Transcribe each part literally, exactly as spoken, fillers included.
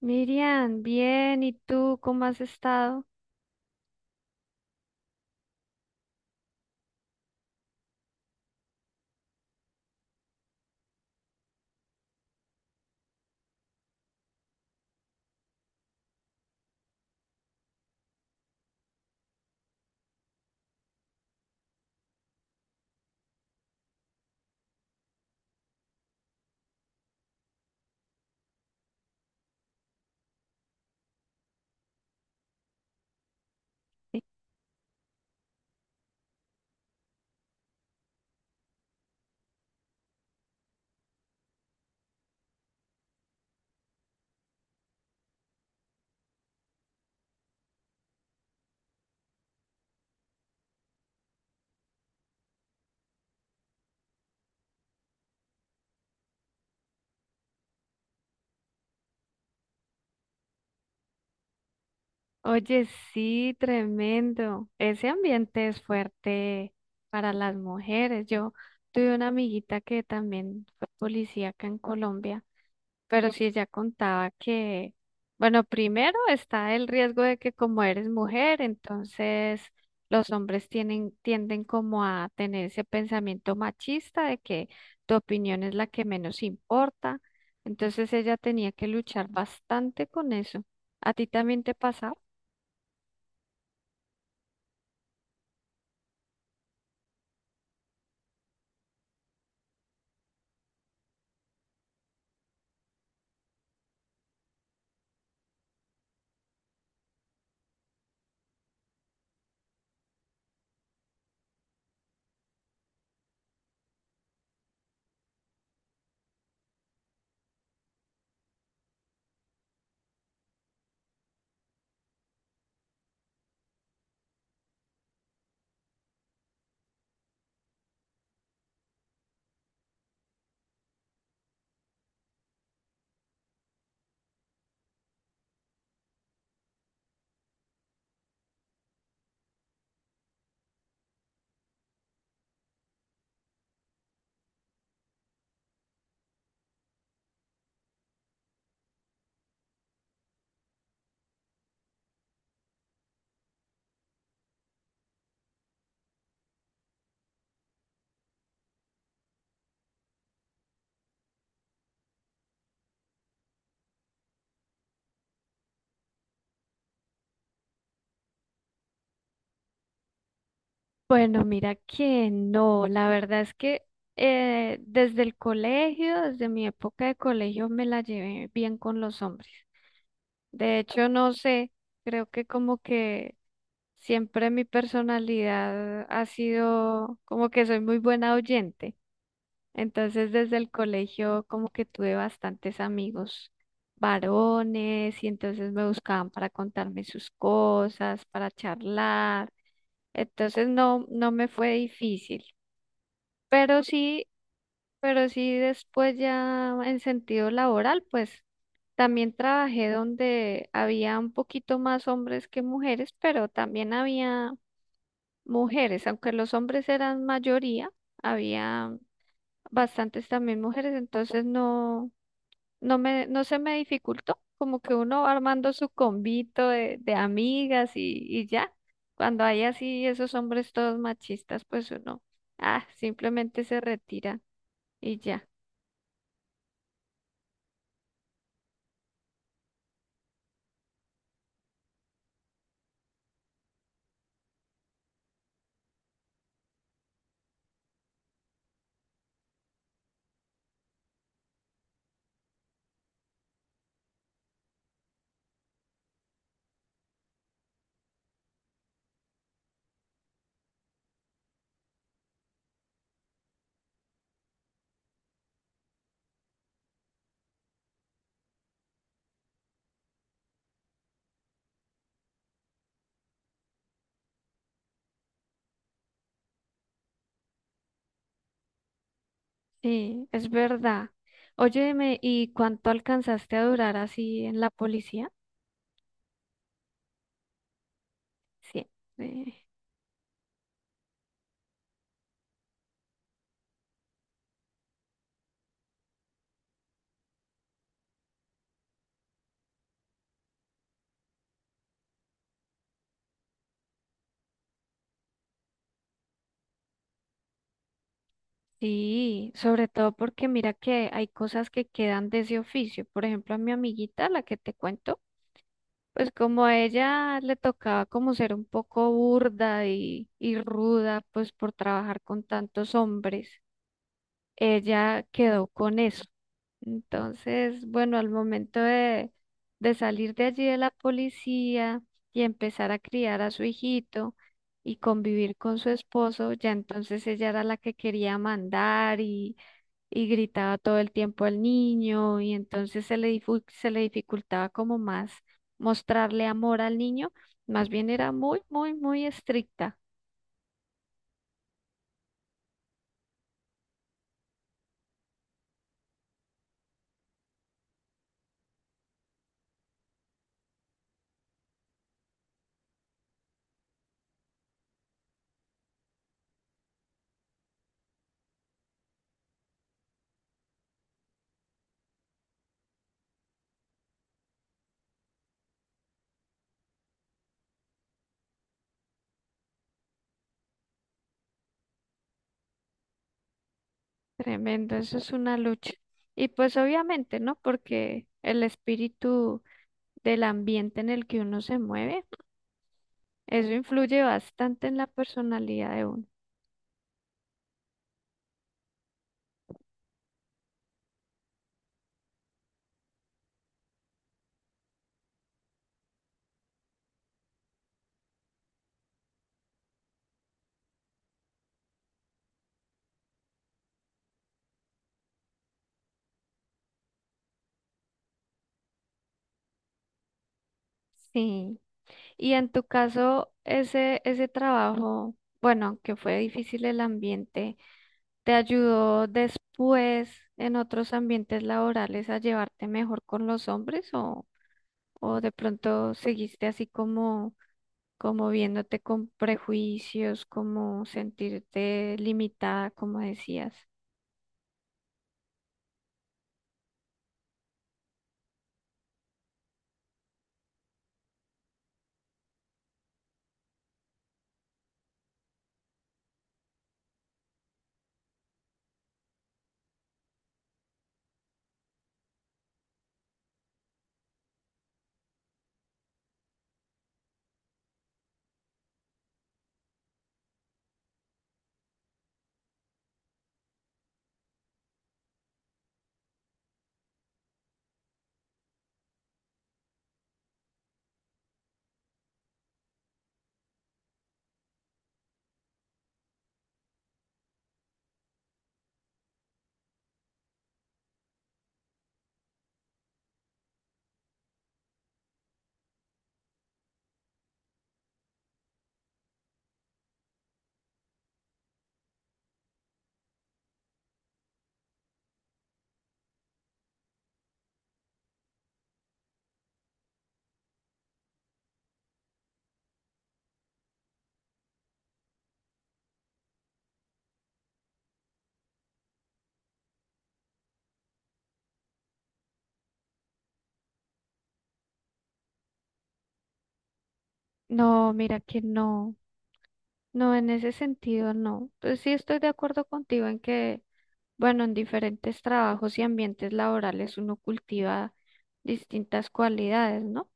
Miriam, bien, ¿y tú cómo has estado? Oye, sí, tremendo. Ese ambiente es fuerte para las mujeres. Yo tuve una amiguita que también fue policía acá en Colombia. Pero sí, ya contaba que, bueno, primero está el riesgo de que como eres mujer, entonces los hombres tienen, tienden como a tener ese pensamiento machista de que tu opinión es la que menos importa. Entonces ella tenía que luchar bastante con eso. ¿A ti también te pasaba? Bueno, mira que no, la verdad es que eh, desde el colegio, desde mi época de colegio, me la llevé bien con los hombres. De hecho, no sé, creo que como que siempre mi personalidad ha sido como que soy muy buena oyente. Entonces, desde el colegio como que tuve bastantes amigos varones y entonces me buscaban para contarme sus cosas, para charlar. Entonces no, no me fue difícil, pero sí, pero sí después ya en sentido laboral, pues también trabajé donde había un poquito más hombres que mujeres, pero también había mujeres, aunque los hombres eran mayoría, había bastantes también mujeres, entonces no no me, no se me dificultó, como que uno va armando su convito de, de amigas y, y ya. Cuando hay así esos hombres todos machistas, pues uno, ah, simplemente se retira y ya. Sí, es verdad. Óyeme, ¿y cuánto alcanzaste a durar así en la policía? Sí. eh, Sí, sobre todo porque mira que hay cosas que quedan de ese oficio. Por ejemplo, a mi amiguita, la que te cuento. Pues como a ella le tocaba como ser un poco burda y, y ruda, pues por trabajar con tantos hombres, ella quedó con eso. Entonces, bueno, al momento de, de salir de allí de la policía y empezar a criar a su hijito y convivir con su esposo, ya entonces ella era la que quería mandar y y gritaba todo el tiempo al niño y entonces se le, difu- se le dificultaba como más mostrarle amor al niño, más bien era muy, muy, muy estricta. Tremendo, eso es una lucha. Y pues obviamente, ¿no? Porque el espíritu del ambiente en el que uno se mueve eso influye bastante en la personalidad de uno. Sí. Y en tu caso, ese, ese trabajo, bueno, que fue difícil el ambiente, ¿te ayudó después en otros ambientes laborales a llevarte mejor con los hombres o, o de pronto seguiste así como, como viéndote con prejuicios, como sentirte limitada, como decías? No, mira que no. No, en ese sentido no. Pues sí estoy de acuerdo contigo en que, bueno, en diferentes trabajos y ambientes laborales uno cultiva distintas cualidades, ¿no?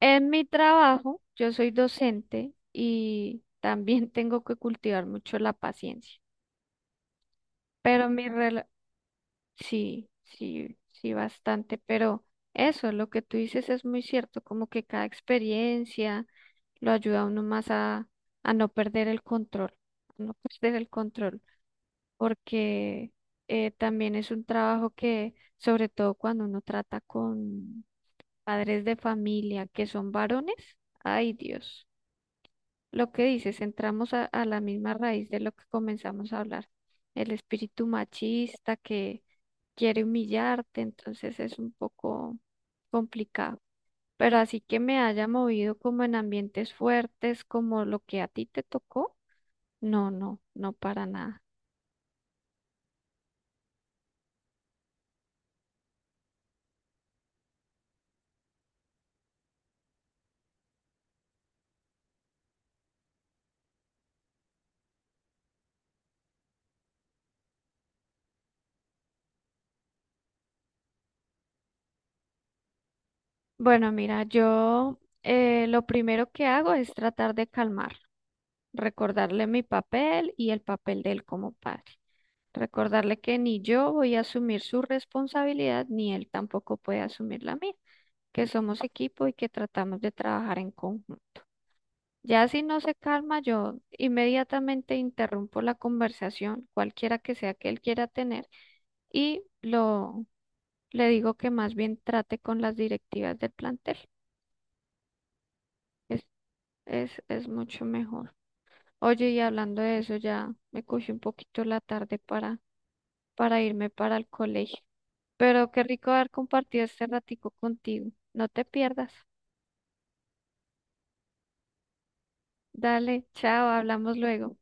En mi trabajo, yo soy docente y también tengo que cultivar mucho la paciencia, pero mi, rela- sí, sí, sí, bastante, pero eso, lo que tú dices es muy cierto, como que cada experiencia lo ayuda a uno más a, a no perder el control, a no perder el control, porque eh, también es un trabajo que, sobre todo cuando uno trata con padres de familia que son varones, ay Dios. Lo que dices, entramos a, a la misma raíz de lo que comenzamos a hablar, el espíritu machista que quiere humillarte, entonces es un poco complicado. Pero así que me haya movido como en ambientes fuertes, como lo que a ti te tocó, no, no, no para nada. Bueno, mira, yo eh, lo primero que hago es tratar de calmar, recordarle mi papel y el papel de él como padre. Recordarle que ni yo voy a asumir su responsabilidad, ni él tampoco puede asumir la mía, que somos equipo y que tratamos de trabajar en conjunto. Ya si no se calma, yo inmediatamente interrumpo la conversación, cualquiera que sea que él quiera tener, y lo le digo que más bien trate con las directivas del plantel. Es, es, es mucho mejor. Oye, y hablando de eso, ya me cogí un poquito la tarde para, para irme para el colegio. Pero qué rico haber compartido este ratico contigo. No te pierdas. Dale, chao, hablamos luego.